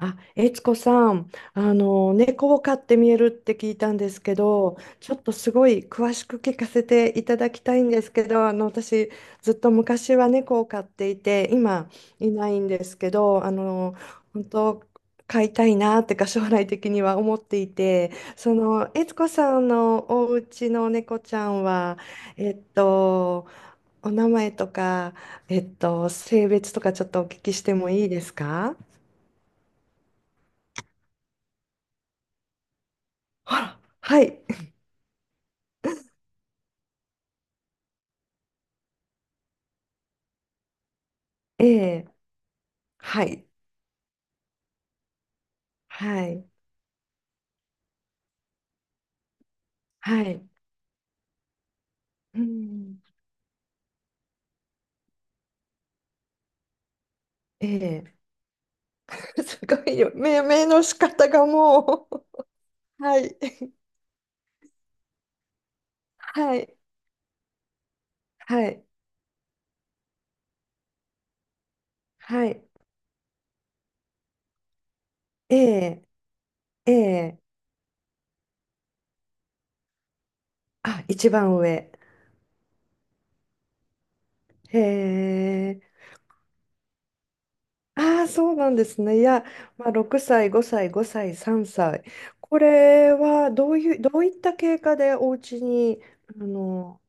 あ、悦子さん、猫を飼って見えるって聞いたんですけど、ちょっとすごい詳しく聞かせていただきたいんですけど、私、ずっと昔は猫を飼っていて、今いないんですけど、本当、飼いたいなってか、将来的には思っていて、悦子さんのお家の猫ちゃんは、えっと、お名前とか、性別とかちょっとお聞きしてもいいですか？あら、はい。ええ、はい、はい、はい、うん、ええ、すごいよ、命名の仕方がもう。 はい、はい、はい、はい、ええ、ええ、あ、一番上。へえ、ああ、そうなんですね、いや、まあ、6歳、5歳、5歳、3歳、これはどういった経過でお家に、あの、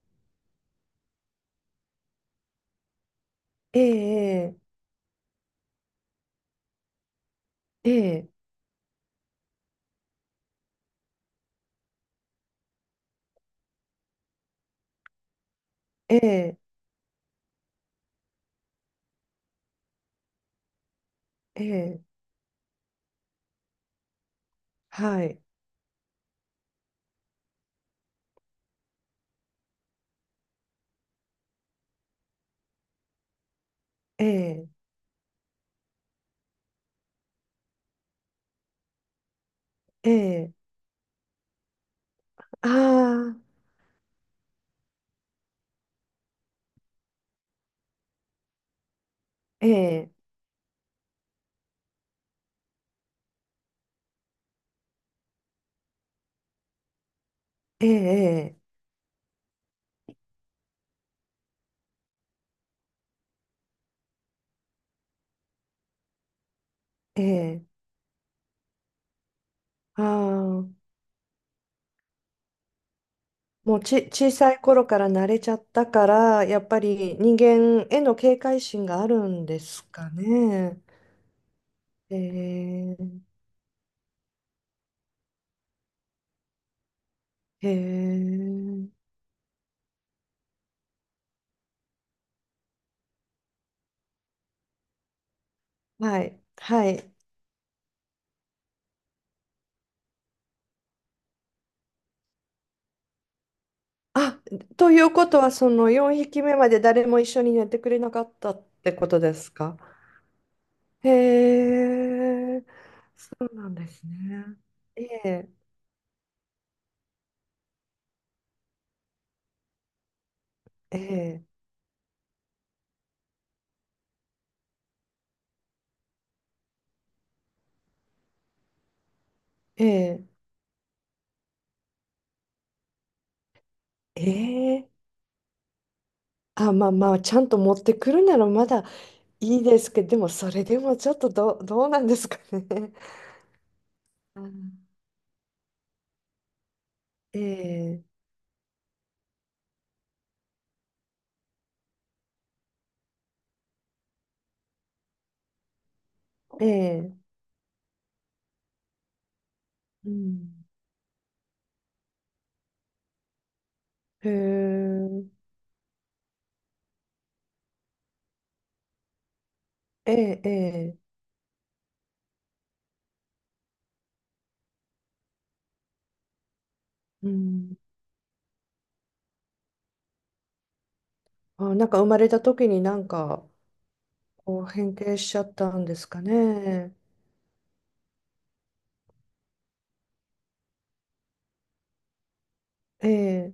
ええ、ええ、ええ、ええ、ええ、はい、ええ、ええ、ああ、ええ、ええ、ええ、ああー、もうち、小さい頃から慣れちゃったから、やっぱり人間への警戒心があるんですかね。ええ、ええ、はい、はい。あ、ということは、その4匹目まで誰も一緒に寝てくれなかったってことですか？へえ、そうなんですね。ええ、ええ、ええ、ええ、あ、まあまあ、ちゃんと持ってくるならまだいいですけど、でもそれでもちょっとどうなんですかね。うん、ええええ、うん。へえ、ええええ、うん。あ、なんか生まれた時になんかこう変形しちゃったんですかね。ええ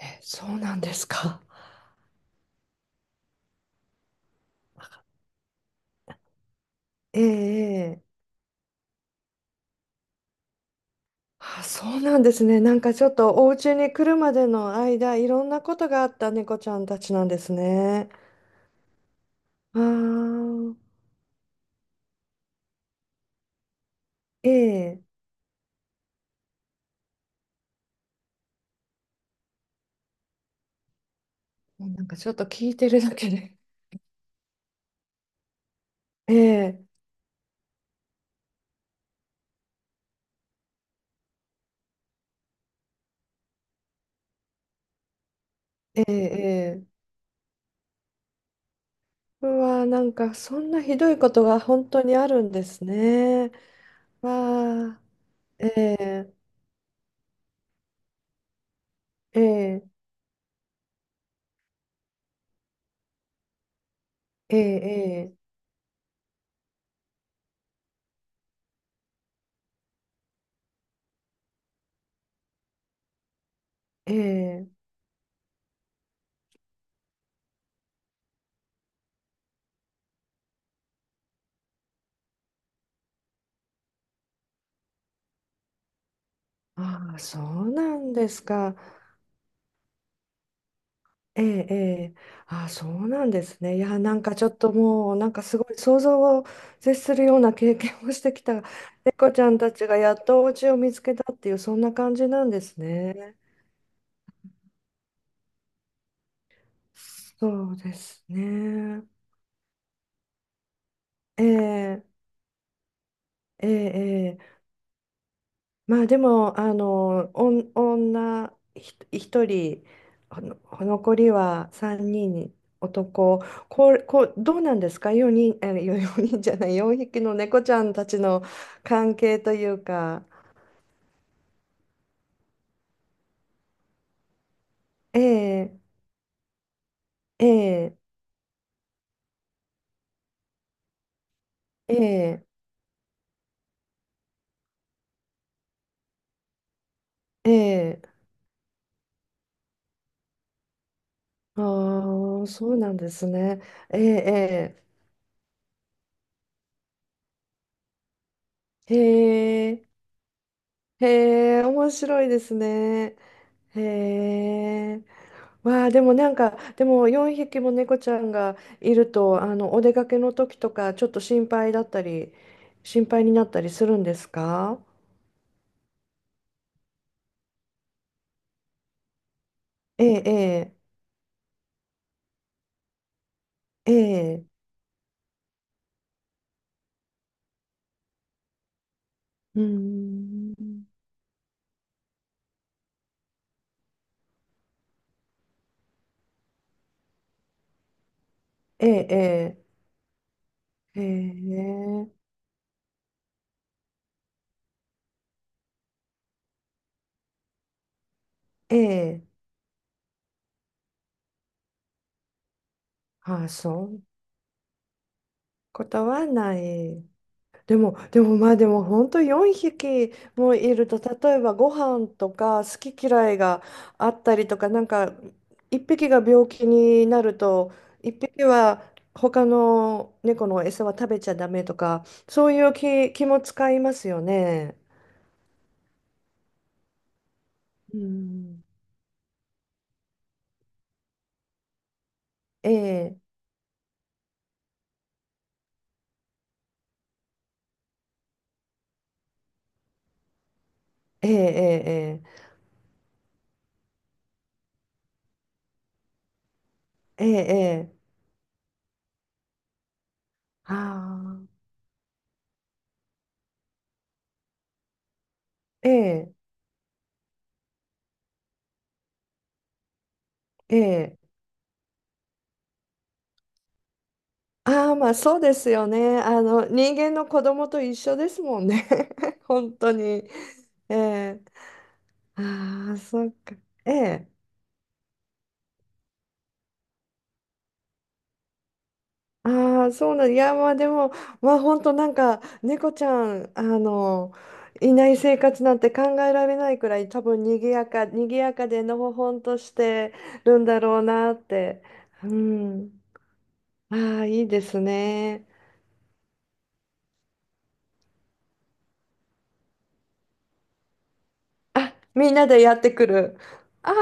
え、そうなんですか。ええええ、あ、そうなんですね。なんかちょっとお家に来るまでの間、いろんなことがあった猫ちゃんたちなんですね。ああ。ええ、もうなんかちょっと聞いてるだけで。ええ、ええ、ええ。うわ、なんかそんなひどいことが本当にあるんですね。わあ、ええ、ええ、ええ、ええ。ええ、ああ、そうなんですか。ええ、ええ。ああ、そうなんですね。いや、なんかちょっともう、なんかすごい想像を絶するような経験をしてきた。猫ちゃんたちがやっとお家を見つけたっていう、そんな感じなんですね。そうですね。ええええええ、まあでも、おん女ひ一人、ほの残りは3人にんに男、これこう、どうなんですか ?4 人、え、あよ四人じゃない、4匹の猫ちゃんたちの関係というか、ええええええええ、ああー、そうなんですね。ええええ、へえ、へえ、面白いですね。へえ。わあ、でもなんか、でも4匹も猫ちゃんがいると、お出かけの時とか、ちょっと心配だったり、心配になったりするんですか？ええ、ええ、ええ、うーん、ええ、ええ、ええ、ええ、ああ、そういうことはない。でも、まあでも本当4匹もいると例えばご飯とか好き嫌いがあったりとかなんか一匹が病気になると一匹は他の猫の餌は食べちゃダメとかそういう気も使いますよね。うん。えええええええええええ、ああ、ええええ、ああ、まあそうですよね。人間の子供と一緒ですもんね。本当に。ええ、ああ、そっか。ええ、ああ、そうなん、いや、まあでも、まあ本当なんか、猫ちゃん、いない生活なんて考えられないくらい、多分賑やかでのほほんとしてるんだろうなって。うん。ああ、いいですね。あ、みんなでやってくる。あ、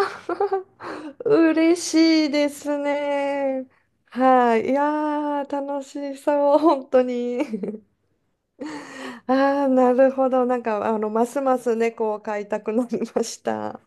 嬉しいですね。はい。いやー、楽しそう、本当に。ああ、なるほど。なんか、ますます猫を飼いたくなりました。